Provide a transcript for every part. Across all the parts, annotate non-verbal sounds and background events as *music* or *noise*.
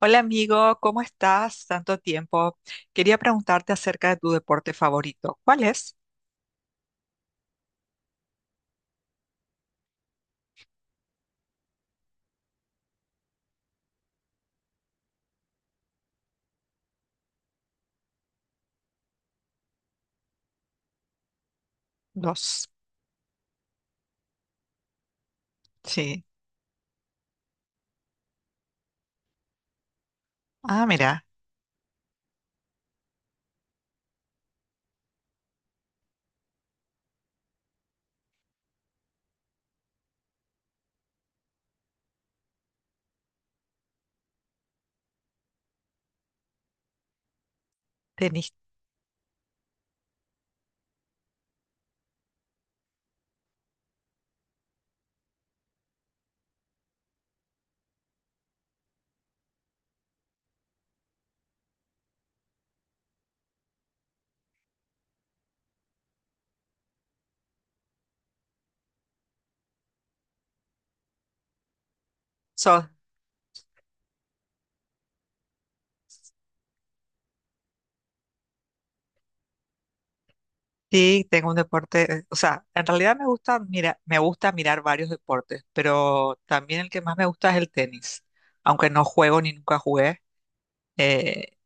Hola amigo, ¿cómo estás? Tanto tiempo. Quería preguntarte acerca de tu deporte favorito. ¿Cuál es? Los. Sí. Ah, mira, tenis. So, sí, tengo un deporte, o sea, en realidad me gusta, mira, me gusta mirar varios deportes, pero también el que más me gusta es el tenis. Aunque no juego ni nunca jugué, eh,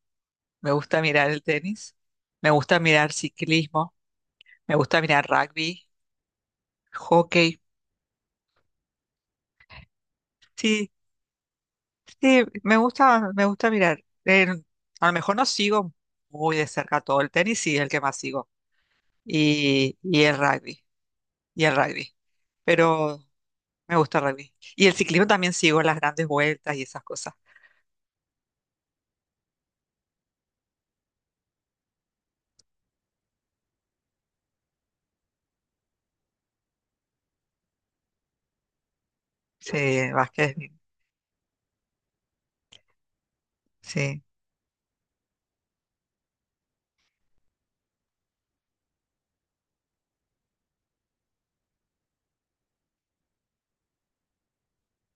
me gusta mirar el tenis. Me gusta mirar ciclismo, me gusta mirar rugby, hockey. Sí, sí, me gusta mirar. A lo mejor no sigo muy de cerca todo el tenis, sí, es el que más sigo. Y el rugby, y el rugby. Pero me gusta el rugby. Y el ciclismo también sigo las grandes vueltas y esas cosas. Sí, Vázquez, sí.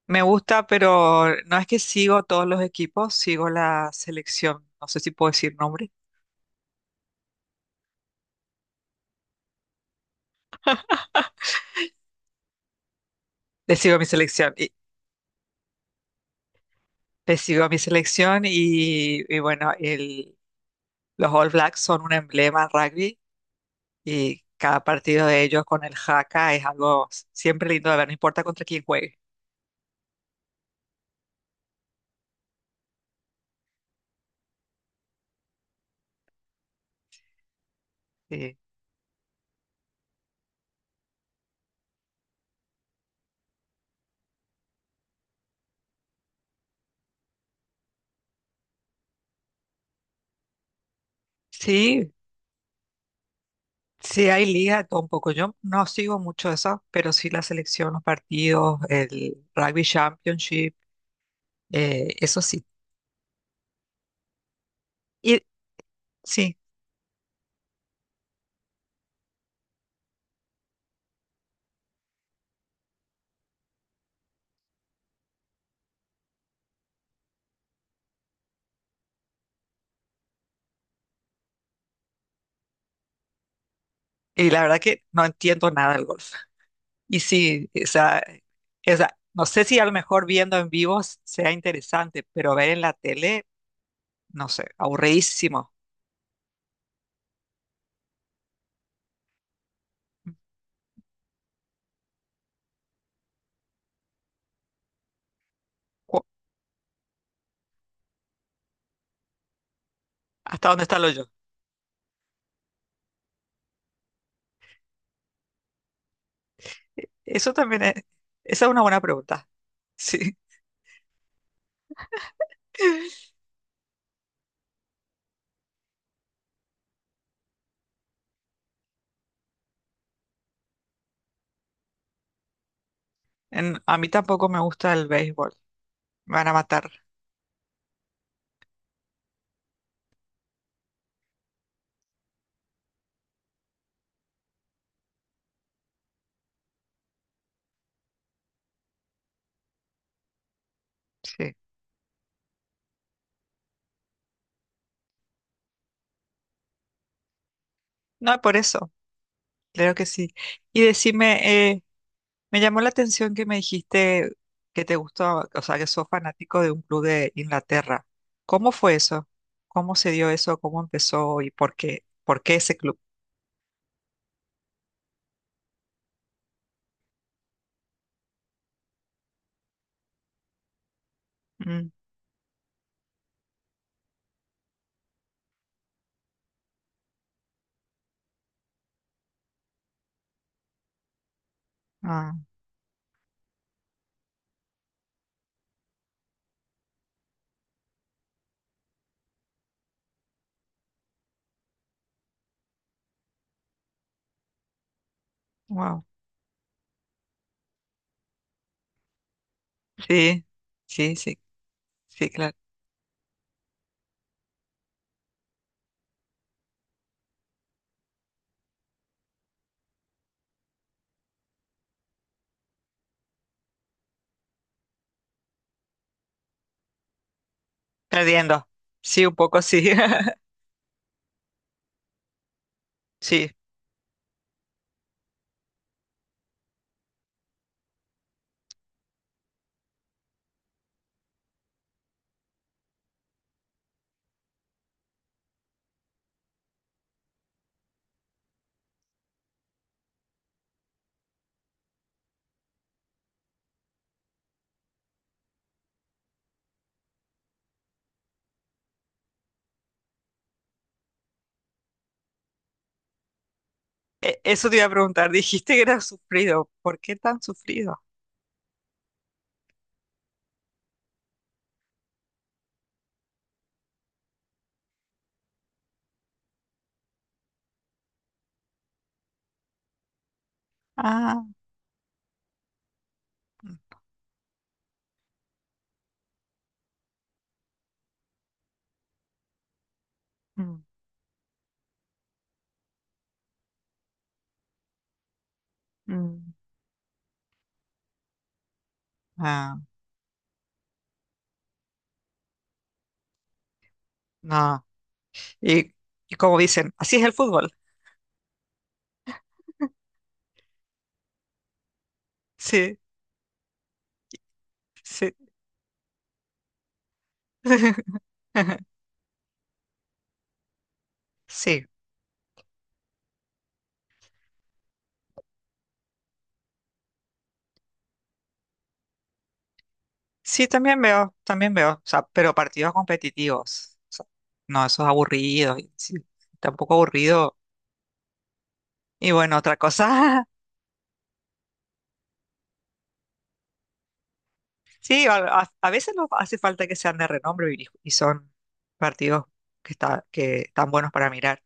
Me gusta, pero no es que sigo todos los equipos, sigo la selección. No sé si puedo decir nombre. Le sigo a mi selección. Y, le sigo a mi selección y bueno, los All Blacks son un emblema en rugby y cada partido de ellos con el jaca es algo siempre lindo de ver, no importa contra quién juegue. Eh, sí, sí hay liga, de todo un poco. Yo no sigo mucho eso, pero sí la selección, los partidos, el Rugby Championship, eso sí. Y sí, y la verdad que no entiendo nada del golf. Y sí, o sea no sé si a lo mejor viendo en vivo sea interesante, pero ver en la tele, no sé, aburridísimo. Cu- ¿Hasta dónde está lo yo? Eso también es, esa es una buena pregunta. Sí, a mí tampoco me gusta el béisbol. Me van a matar. Sí. No, por eso, claro que sí. Y decime, me llamó la atención que me dijiste que te gustó, o sea, que sos fanático de un club de Inglaterra. ¿Cómo fue eso? ¿Cómo se dio eso? ¿Cómo empezó y por qué? ¿Por qué ese club? Mm, ah, wow. Sí, sí, sí, sí, claro. Perdiendo. Sí, un poco sí. *laughs* Sí. Eso te iba a preguntar. Dijiste que era sufrido. ¿Por qué tan sufrido? Ah, mm, mm, ah, no. Y, y como dicen, así es el fútbol. Sí, sí. *laughs* Sí, sí, también veo, también veo. O sea, pero partidos competitivos. O sea, no, esos aburridos. Y sí, tampoco aburrido. Y bueno, otra cosa. *laughs* Sí, a veces no hace falta que sean de renombre y son partidos que están buenos para mirar.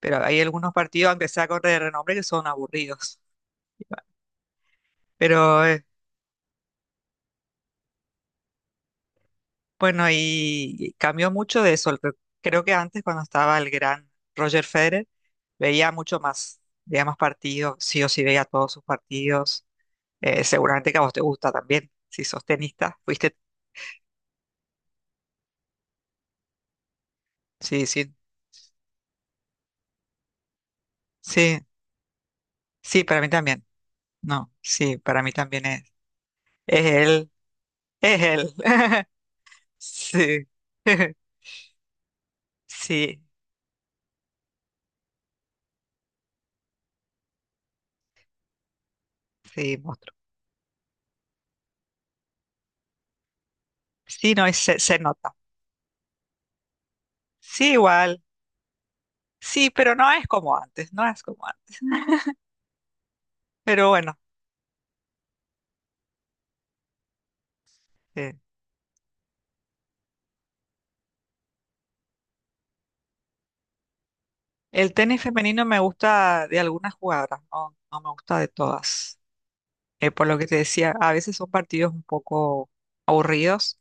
Pero hay algunos partidos, aunque sea corte de renombre, que son aburridos. Pero bueno, y cambió mucho de eso. Creo que antes, cuando estaba el gran Roger Federer, veía mucho más, veía más partidos, sí o sí veía todos sus partidos. Seguramente que a vos te gusta también, si sos tenista, fuiste, sí, sí, sí, sí, para mí también. No, sí, para mí también es él, es él. *laughs* Sí, *laughs* sí, sí, monstruo. Sí, no, se nota. Sí, igual. Sí, pero no es como antes, no es como antes. *laughs* Pero bueno, eh, el tenis femenino me gusta de algunas jugadoras, no, no me gusta de todas. Por lo que te decía, a veces son partidos un poco aburridos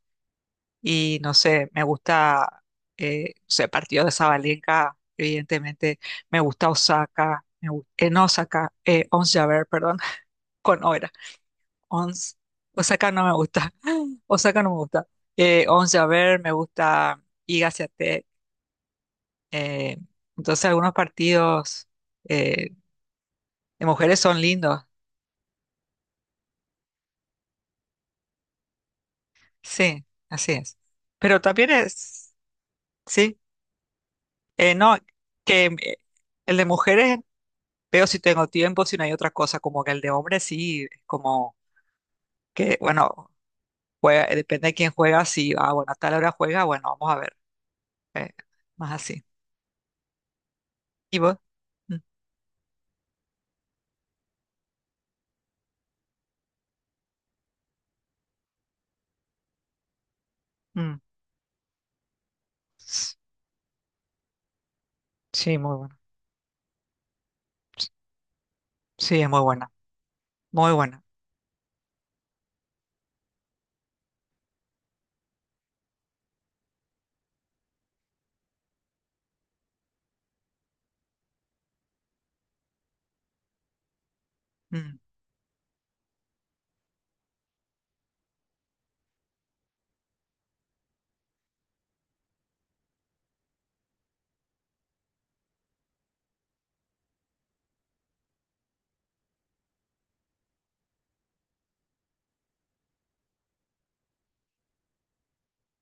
y no sé, me gusta, no sé, partido de Sabalenka, evidentemente, me gusta Osaka, en Osaka, Ons Jabeur, perdón, *laughs* con Oera. Ons. Osaka no me gusta. *laughs* Osaka no me gusta. Once, a ver me gusta Iga Swiatek. Eh, entonces algunos partidos eh, de mujeres son lindos. Sí, así es. Pero también es, sí, no, que el de mujeres veo si tengo tiempo, si no hay otra cosa, como que el de hombres sí, es como que, bueno, juega, depende de quién juega, si, ah, bueno, a tal hora juega, bueno, vamos a ver. eh, Más así. ¿Y vos? Mm, mm. Sí, muy buena. Sí, es muy buena, muy buena. Mm.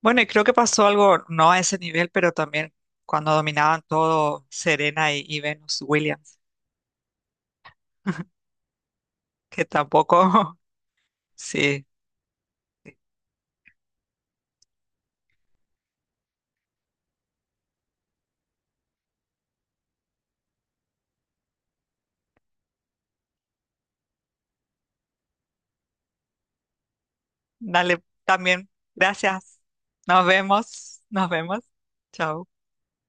Bueno, y creo que pasó algo, no a ese nivel, pero también cuando dominaban todo Serena y Venus Williams, *laughs* que tampoco, *laughs* sí. Sí. Dale, también, gracias. Nos vemos, nos vemos. Chao.